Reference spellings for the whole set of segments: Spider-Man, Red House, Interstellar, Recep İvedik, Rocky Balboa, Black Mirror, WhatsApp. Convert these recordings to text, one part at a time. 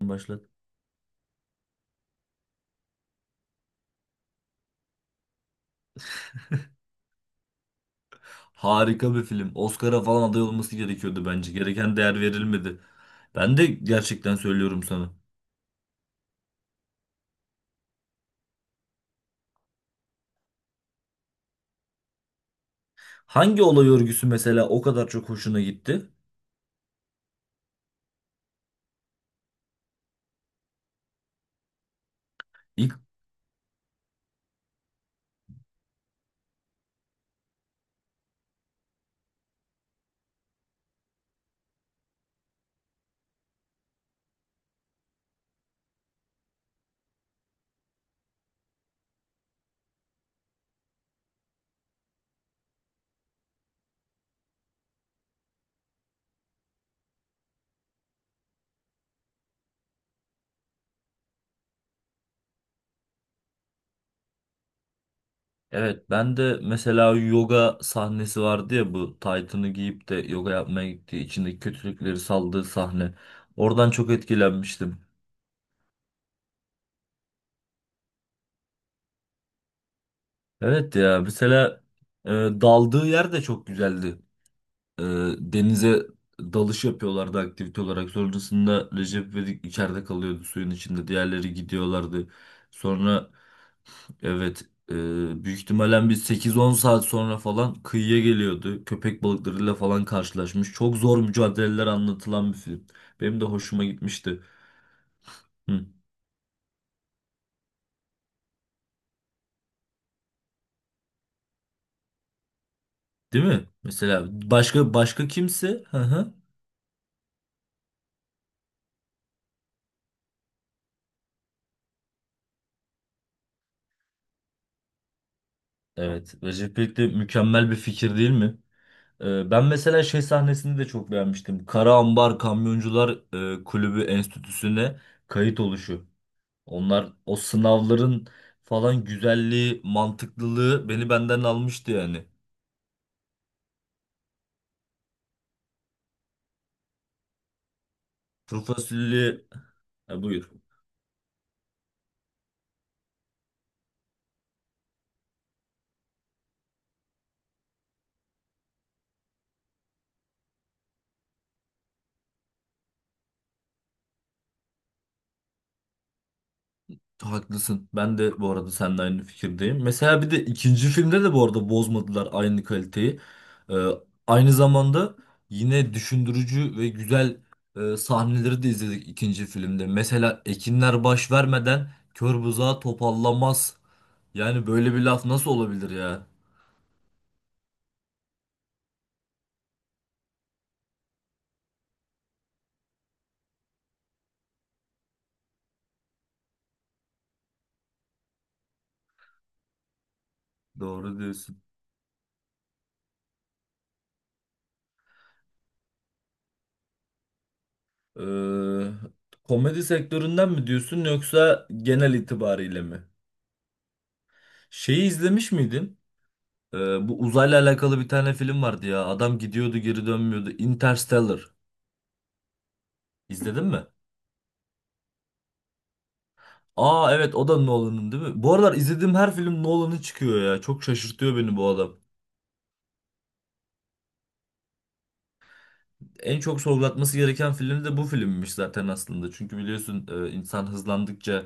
Başlat. Harika bir film. Oscar'a falan aday olması gerekiyordu bence. Gereken değer verilmedi. Ben de gerçekten söylüyorum sana. Hangi olay örgüsü mesela o kadar çok hoşuna gitti? İlk evet, ben de mesela yoga sahnesi vardı ya, bu taytını giyip de yoga yapmaya gittiği içindeki kötülükleri saldığı sahne. Oradan çok etkilenmiştim. Evet, ya mesela daldığı yer de çok güzeldi. E, denize dalış yapıyorlardı aktivite olarak. Sonrasında Recep İvedik içeride kalıyordu, suyun içinde. Diğerleri gidiyorlardı. Sonra, evet, e, büyük ihtimalle bir sekiz on saat sonra falan kıyıya geliyordu. Köpek balıklarıyla falan karşılaşmış. Çok zor mücadeleler anlatılan bir film. Benim de hoşuma gitmişti. Hı. Değil mi? Mesela başka kimse? Hı hı. Evet. Recep İvedik de mükemmel bir fikir, değil mi? Ben mesela şey sahnesini de çok beğenmiştim. Kara Ambar Kamyoncular Kulübü Enstitüsü'ne kayıt oluşu. Onlar, o sınavların falan güzelliği, mantıklılığı beni benden almıştı yani. Kuru fasulye... Ha, buyur. Haklısın. Ben de bu arada seninle aynı fikirdeyim. Mesela bir de ikinci filmde de bu arada bozmadılar aynı kaliteyi. Ee, Aynı zamanda yine düşündürücü ve güzel sahneleri de izledik ikinci filmde. Mesela ekinler baş vermeden kör buzağı topallamaz. Yani böyle bir laf nasıl olabilir ya? Doğru diyorsun. Ee, Komedi sektöründen mi diyorsun yoksa genel itibariyle mi? Şeyi izlemiş miydin? Bu uzayla alakalı bir tane film vardı ya. Adam gidiyordu, geri dönmüyordu. Interstellar. İzledin mi? Aa, evet, o da Nolan'ın, değil mi? Bu aralar izlediğim her film Nolan'ın çıkıyor ya. Çok şaşırtıyor beni bu adam. En çok sorgulatması gereken film de bu filmmiş zaten aslında. Çünkü biliyorsun, insan hızlandıkça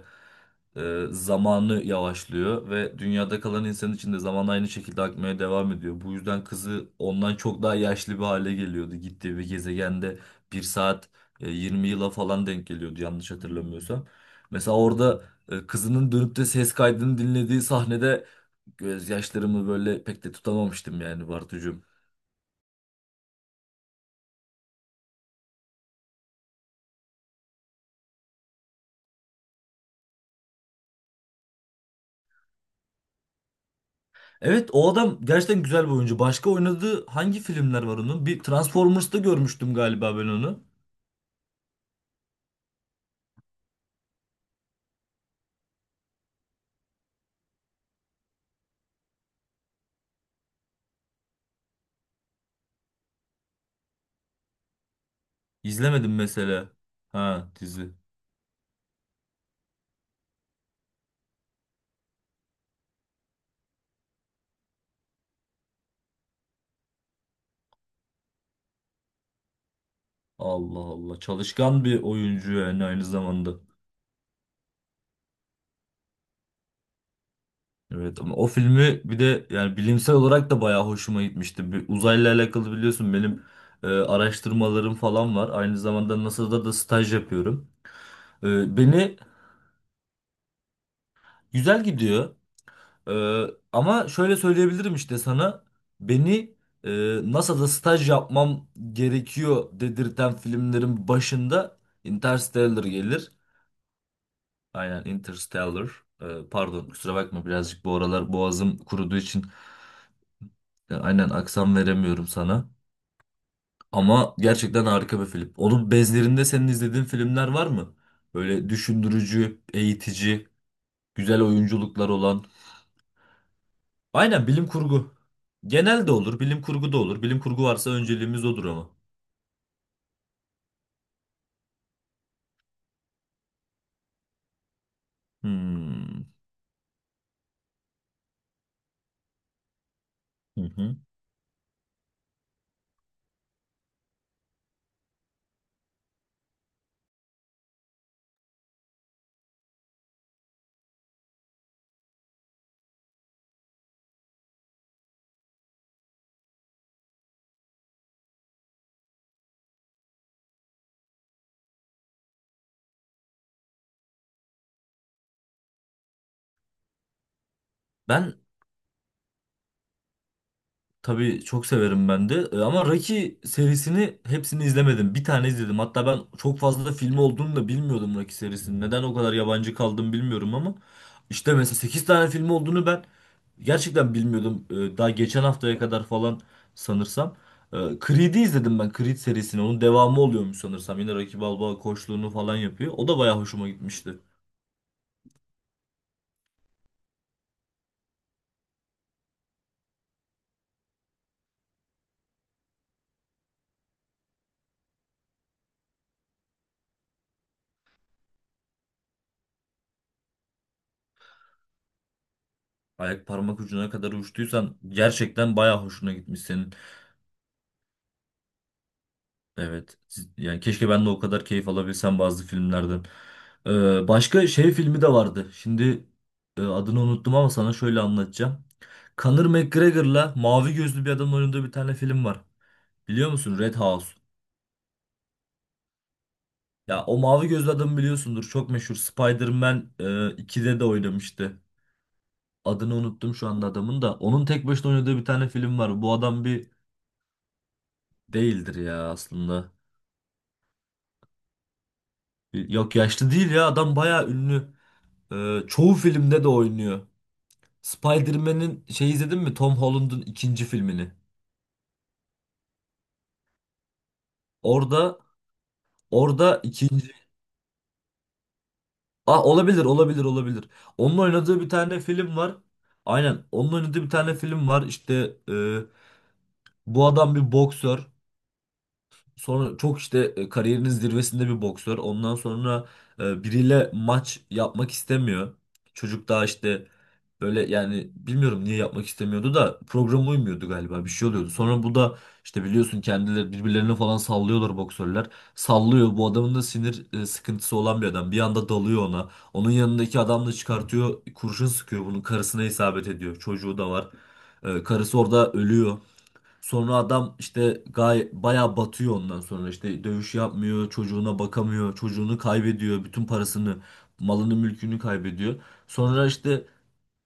zamanı yavaşlıyor ve dünyada kalan insan için de zaman aynı şekilde akmaya devam ediyor. Bu yüzden kızı ondan çok daha yaşlı bir hale geliyordu. Gittiği bir gezegende bir saat 20 yıla falan denk geliyordu, yanlış hatırlamıyorsam. Mesela orada kızının dönüp de ses kaydını dinlediği sahnede gözyaşlarımı böyle pek de tutamamıştım yani, Bartucuğum. Evet, o adam gerçekten güzel bir oyuncu. Başka oynadığı hangi filmler var onun? Bir Transformers'ta görmüştüm galiba ben onu. İzlemedim mesela. Ha, dizi. Allah Allah. Çalışkan bir oyuncu yani, aynı zamanda. Evet, ama o filmi bir de yani bilimsel olarak da bayağı hoşuma gitmişti. Bir uzayla alakalı biliyorsun, benim araştırmalarım falan var. Aynı zamanda NASA'da da staj yapıyorum. E, beni Güzel gidiyor. Ee, Ama şöyle söyleyebilirim işte sana, beni e, NASA'da staj yapmam gerekiyor dedirten filmlerin başında Interstellar gelir. Aynen, Interstellar. Pardon, kusura bakma, birazcık bu aralar boğazım kuruduğu için aynen aksan veremiyorum sana. Ama gerçekten harika bir film. Onun bezlerinde senin izlediğin filmler var mı? Böyle düşündürücü, eğitici, güzel oyunculuklar olan. Aynen, bilim kurgu. Genel de olur, bilim kurgu da olur. Bilim kurgu varsa önceliğimiz odur ama. Hmm. Hı hı. Ben tabii çok severim ben de. Ama Rocky serisini hepsini izlemedim. Bir tane izledim. Hatta ben çok fazla da filmi olduğunu da bilmiyordum Rocky serisinin. Neden o kadar yabancı kaldım bilmiyorum ama. İşte mesela 8 tane film olduğunu ben gerçekten bilmiyordum. Daha geçen haftaya kadar falan sanırsam. E, Creed'i izledim ben, Creed serisini. Onun devamı oluyormuş sanırsam. Yine Rocky Balboa koçluğunu falan yapıyor. O da bayağı hoşuma gitmişti. Ayak parmak ucuna kadar uçtuysan gerçekten bayağı hoşuna gitmiş senin. Evet. Yani keşke ben de o kadar keyif alabilsem bazı filmlerden. Başka şey filmi de vardı. Şimdi adını unuttum ama sana şöyle anlatacağım. Conor McGregor'la mavi gözlü bir adamın oynadığı bir tane film var. Biliyor musun? Red House. Ya, o mavi gözlü adamı biliyorsundur. Çok meşhur. Spider-Man 2'de de oynamıştı. Adını unuttum şu anda adamın da. Onun tek başına oynadığı bir tane film var. Bu adam bir değildir ya aslında. Yok, yaşlı değil ya. Adam bayağı ünlü. Çoğu filmde de oynuyor. Spider-Man'in şey izledin mi? Tom Holland'ın ikinci filmini. Orada orada ikinci... Ah, olabilir. Onun oynadığı bir tane film var. Aynen, onun oynadığı bir tane film var. İşte e, bu adam bir boksör. Sonra çok işte, kariyerinin zirvesinde bir boksör. Ondan sonra biriyle maç yapmak istemiyor. Çocuk daha işte böyle, yani bilmiyorum niye yapmak istemiyordu, da programa uymuyordu galiba, bir şey oluyordu. Sonra bu da işte biliyorsun, kendileri birbirlerine falan sallıyorlar boksörler. Sallıyor, bu adamın da sinir sıkıntısı olan bir adam. Bir anda dalıyor ona. Onun yanındaki adam da çıkartıyor, kurşun sıkıyor, bunun karısına isabet ediyor. Çocuğu da var. Karısı orada ölüyor. Sonra adam işte gay, bayağı batıyor. Ondan sonra işte dövüş yapmıyor, çocuğuna bakamıyor, çocuğunu kaybediyor, bütün parasını, malını, mülkünü kaybediyor. Sonra işte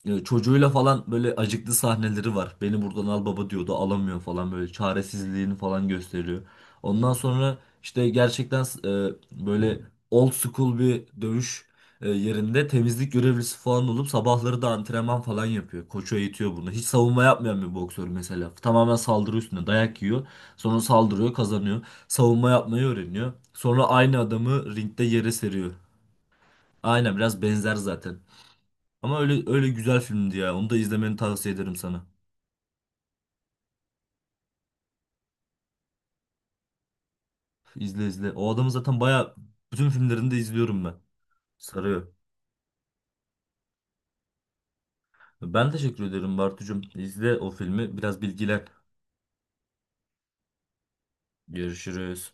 çocuğuyla falan böyle acıklı sahneleri var. Beni buradan al baba diyordu, alamıyor falan, böyle çaresizliğini falan gösteriyor. Ondan sonra işte gerçekten böyle old school bir dövüş yerinde temizlik görevlisi falan olup sabahları da antrenman falan yapıyor. Koçu eğitiyor bunu. Hiç savunma yapmayan bir boksör mesela. Tamamen saldırı üstüne dayak yiyor. Sonra saldırıyor, kazanıyor. Savunma yapmayı öğreniyor. Sonra aynı adamı ringde yere seriyor. Aynen, biraz benzer zaten. Ama öyle öyle güzel filmdi ya. Onu da izlemeni tavsiye ederim sana. İzle, izle. O adamı zaten baya, bütün filmlerini de izliyorum ben. Sarıyor. Ben teşekkür ederim Bartucuğum. İzle o filmi. Biraz bilgilen. Görüşürüz.